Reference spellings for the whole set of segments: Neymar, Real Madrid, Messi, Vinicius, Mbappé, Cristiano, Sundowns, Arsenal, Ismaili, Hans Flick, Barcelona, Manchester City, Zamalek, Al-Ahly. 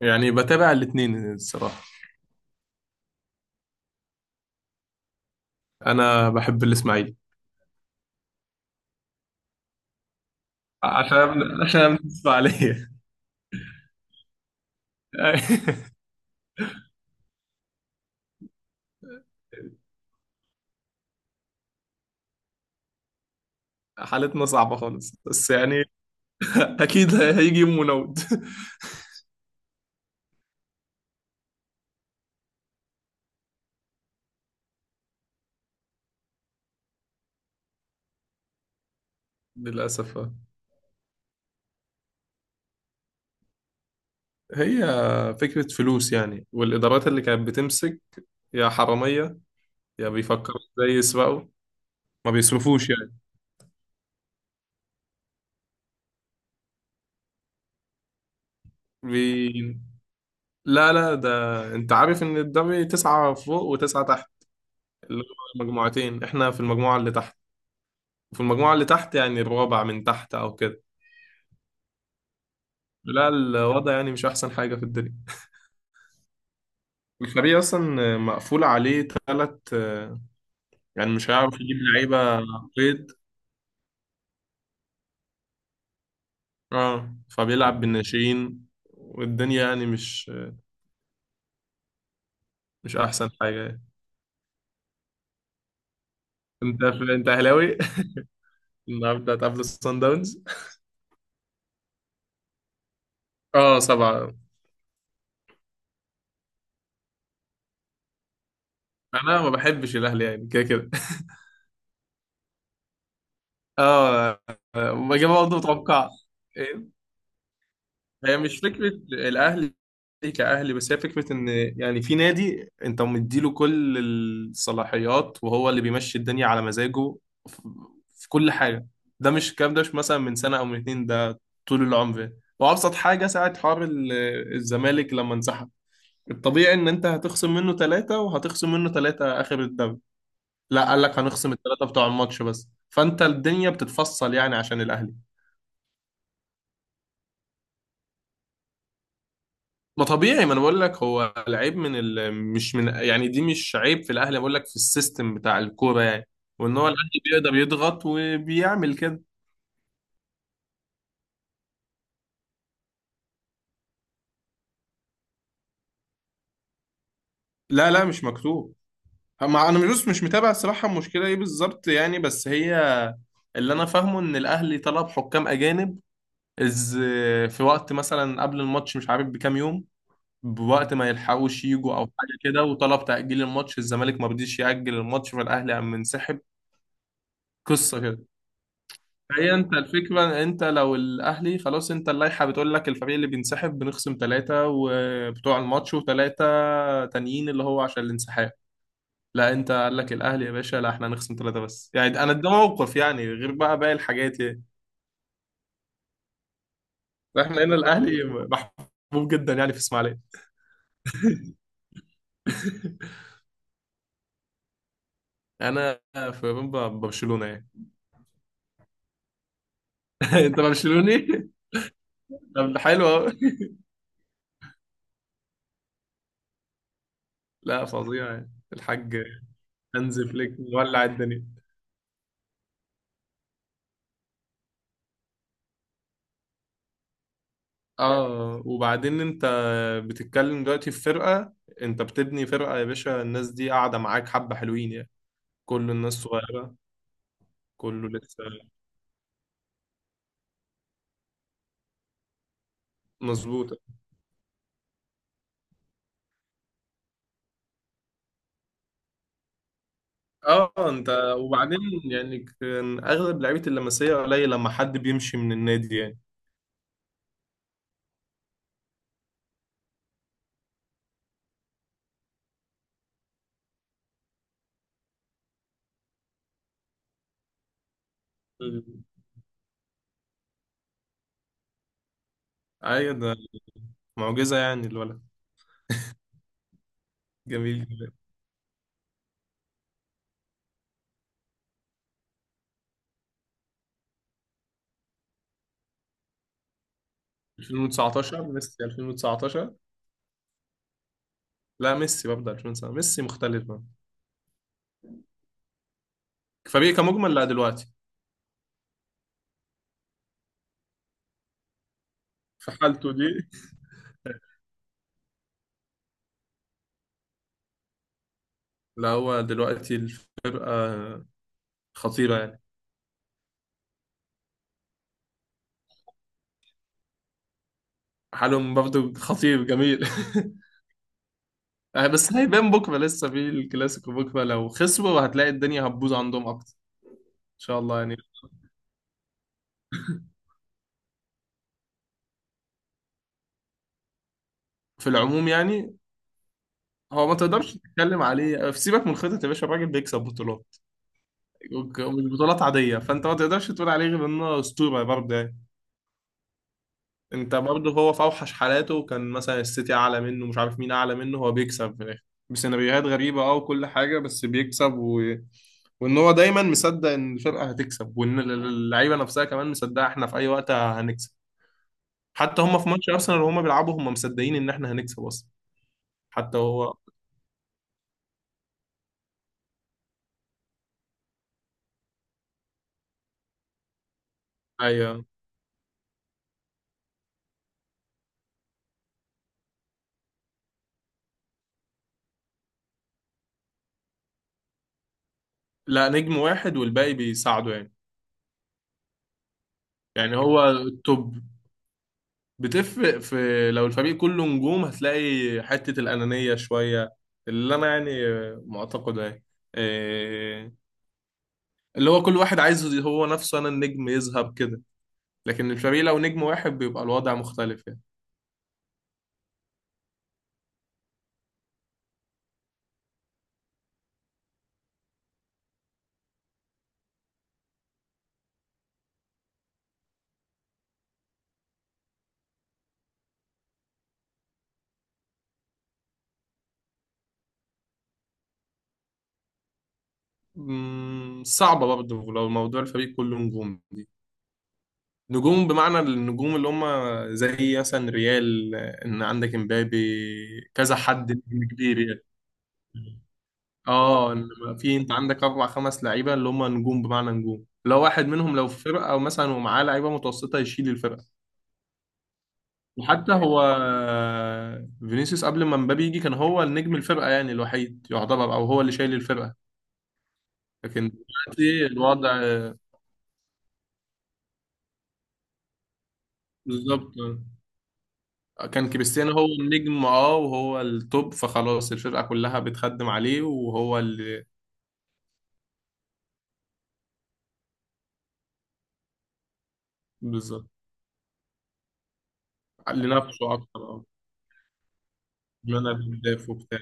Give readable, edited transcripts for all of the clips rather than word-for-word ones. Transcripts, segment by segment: يعني بتابع الاثنين الصراحة. أنا بحب الإسماعيلي عشان بتسمع عليا. حالتنا صعبة خالص، بس يعني أكيد هيجي يوم ونود. للأسف آه. هي فكرة فلوس يعني، والإدارات اللي كانت بتمسك يا حرامية يا بيفكروا إزاي يسرقوا، ما بيصرفوش يعني. بي... لا لا، ده أنت عارف إن الدوري تسعة فوق وتسعة تحت، اللي هو المجموعتين. إحنا في المجموعة اللي تحت، في المجموعة اللي تحت، يعني الرابع من تحت أو كده. لا الوضع يعني مش أحسن حاجة في الدنيا. الفريق أصلا مقفول عليه تلات، يعني مش هيعرف يجيب لعيبة قيد، اه فبيلعب بالناشئين، والدنيا يعني مش أحسن حاجة يعني. أنت أنت أهلاوي. النهاردة هتقابل الصن داونز، اه سبعة. أنا ما بحبش الأهلي يعني، كده كده اه. آه، ما جاب برضه متوقع. إيه؟ هي مش فكرة الأهلي كأهلي، بس هي فكرة إن يعني في نادي أنت مديله كل الصلاحيات وهو اللي بيمشي الدنيا على مزاجه في في كل حاجة. ده مش الكلام، ده مش مثلا من سنة أو من اتنين، ده طول العمر. وأبسط حاجة ساعة حوار الزمالك لما انسحب، الطبيعي إن أنت هتخصم منه ثلاثة وهتخصم منه ثلاثة آخر الدوري. لا قال لك هنخصم الثلاثة بتوع الماتش بس، فأنت الدنيا بتتفصل يعني عشان الأهلي. ما طبيعي، ما انا بقول لك هو العيب من مش من يعني، دي مش عيب في الاهلي، بقول لك في السيستم بتاع الكوره يعني، وان هو الاهلي بيقدر يضغط وبيعمل كده. لا لا مش مكتوب، مع انا مش متابع الصراحه المشكله ايه بالظبط يعني. بس هي اللي انا فاهمه ان الاهلي طلب حكام اجانب از في وقت مثلا قبل الماتش مش عارف بكام يوم، بوقت ما يلحقوش يجوا او حاجه كده، وطلب تاجيل الماتش، الزمالك ما رضيش ياجل الماتش، فالاهلي قام منسحب. قصه كده. هي انت الفكرة، انت لو الاهلي خلاص، انت اللائحة بتقول لك الفريق اللي بينسحب بنخصم ثلاثة وبتوع الماتش وثلاثة تانيين اللي هو عشان الانسحاب، لا انت قال لك الاهلي يا باشا لا احنا هنخصم ثلاثة بس. يعني انا ده موقف يعني، غير بقى باقي الحاجات يعني. احنا هنا الاهلي محبوب جدا يعني في اسماعيلية. انا في برشلونة يعني. انت برشلوني. طب ده حلو أوي. لا فظيع يعني، الحاج هانز فليك مولع الدنيا. اه، وبعدين انت بتتكلم دلوقتي في فرقة، انت بتبني فرقة يا باشا، الناس دي قاعدة معاك حبة حلوين يعني، كل الناس صغيرة، كله لسه مظبوطة. اه انت وبعدين يعني كان اغلب لعيبة اللمسية قليل لما حد بيمشي من النادي يعني. مم. ايوه، ده معجزة يعني الولد، جميل جدا. 2019 ميسي 2019، لا ميسي ببدأ 2019 ميسي مختلف بقى. فريق كمجمل لا دلوقتي، في حالته دي. لا هو دلوقتي الفرقة خطيرة يعني. حالهم برضه خطير جميل. آه، بس هيبان بكرة، لسه في الكلاسيكو بكرة، لو خسروا هتلاقي الدنيا هتبوظ عندهم أكتر. إن شاء الله يعني. في العموم يعني هو ما تقدرش تتكلم عليه، في سيبك من خطة يا باشا، الراجل بيكسب بطولات، ومش بطولات عادية، فأنت ما تقدرش تقول عليه غير إنه أسطورة برضه يعني. انت برضه هو في اوحش حالاته كان مثلا السيتي اعلى منه، مش عارف مين اعلى منه، هو بيكسب في الاخر بسيناريوهات غريبه اه، وكل حاجه بس بيكسب وان هو دايما مصدق ان الفرقه هتكسب، وان اللعيبه نفسها كمان مصدقه احنا في اي وقت هنكسب. حتى هم في ماتش ارسنال وهم بيلعبوا هم مصدقين ان احنا هنكسب اصلا. حتى هو ايوه. لا نجم واحد والباقي بيساعده يعني. يعني هو التوب بتفرق في، لو الفريق كله نجوم هتلاقي حتة الأنانية شوية، اللي أنا يعني معتقده يعني، إيه، اللي هو كل واحد عايز هو نفسه أنا النجم يذهب كده، لكن الفريق لو نجم واحد بيبقى الوضع مختلف يعني. مم، صعبة برضه لو موضوع الفريق كله نجوم دي، نجوم بمعنى النجوم اللي هم زي مثلا ريال، إن عندك امبابي، كذا حد نجم كبير يعني. اه إنما في انت عندك اربع خمس لعيبه اللي هم نجوم بمعنى نجوم، لو واحد منهم لو في فرقه او مثلا ومعاه لعيبه متوسطه يشيل الفرقه. وحتى هو فينيسيوس قبل ما مبابي يجي كان هو النجم الفرقه يعني الوحيد يعتبر، او هو اللي شايل الفرقه، لكن دلوقتي الوضع. بالظبط، كان كريستيانو هو النجم اه وهو التوب، فخلاص الفرقه كلها بتخدم عليه وهو اللي. بالظبط، لنفسه اكتر اه، ان انا بهداف وبتاع.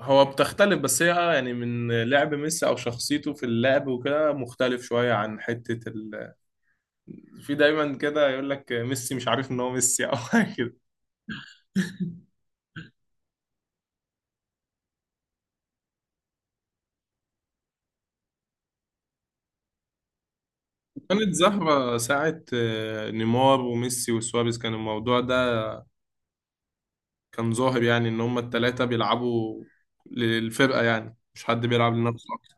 هو بتختلف، بس هي آه يعني من لعب ميسي او شخصيته في اللعب وكده مختلف شويه عن حته في دايما كده يقول لك ميسي مش عارف ان هو ميسي او حاجه كده. كانت زهره ساعه آه، نيمار وميسي وسواريز كان الموضوع ده كان ظاهر يعني ان هما الثلاثه بيلعبوا للفرقه يعني، مش حد بيلعب لنفسه أكتر.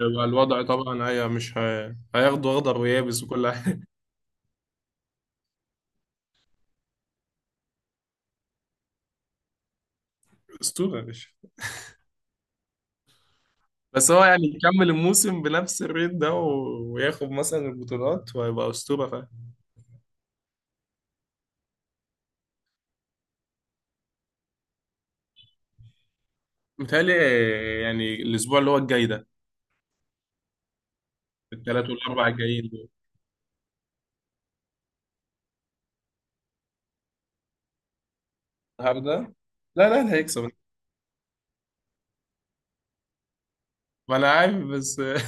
يبقى الوضع طبعا، هي مش هي... هياخدوا اخضر ويابس وكل حاجه. اسطوره يا باشا. بس هو يعني يكمل الموسم بنفس الريت ده وياخد مثلا البطولات وهيبقى اسطوره فاهم. متهيألي يعني الاسبوع اللي هو الجاي ده، الثلاث والاربع الجايين دول. النهارده، لا لا اللي هيكسب. ما انا عارف بس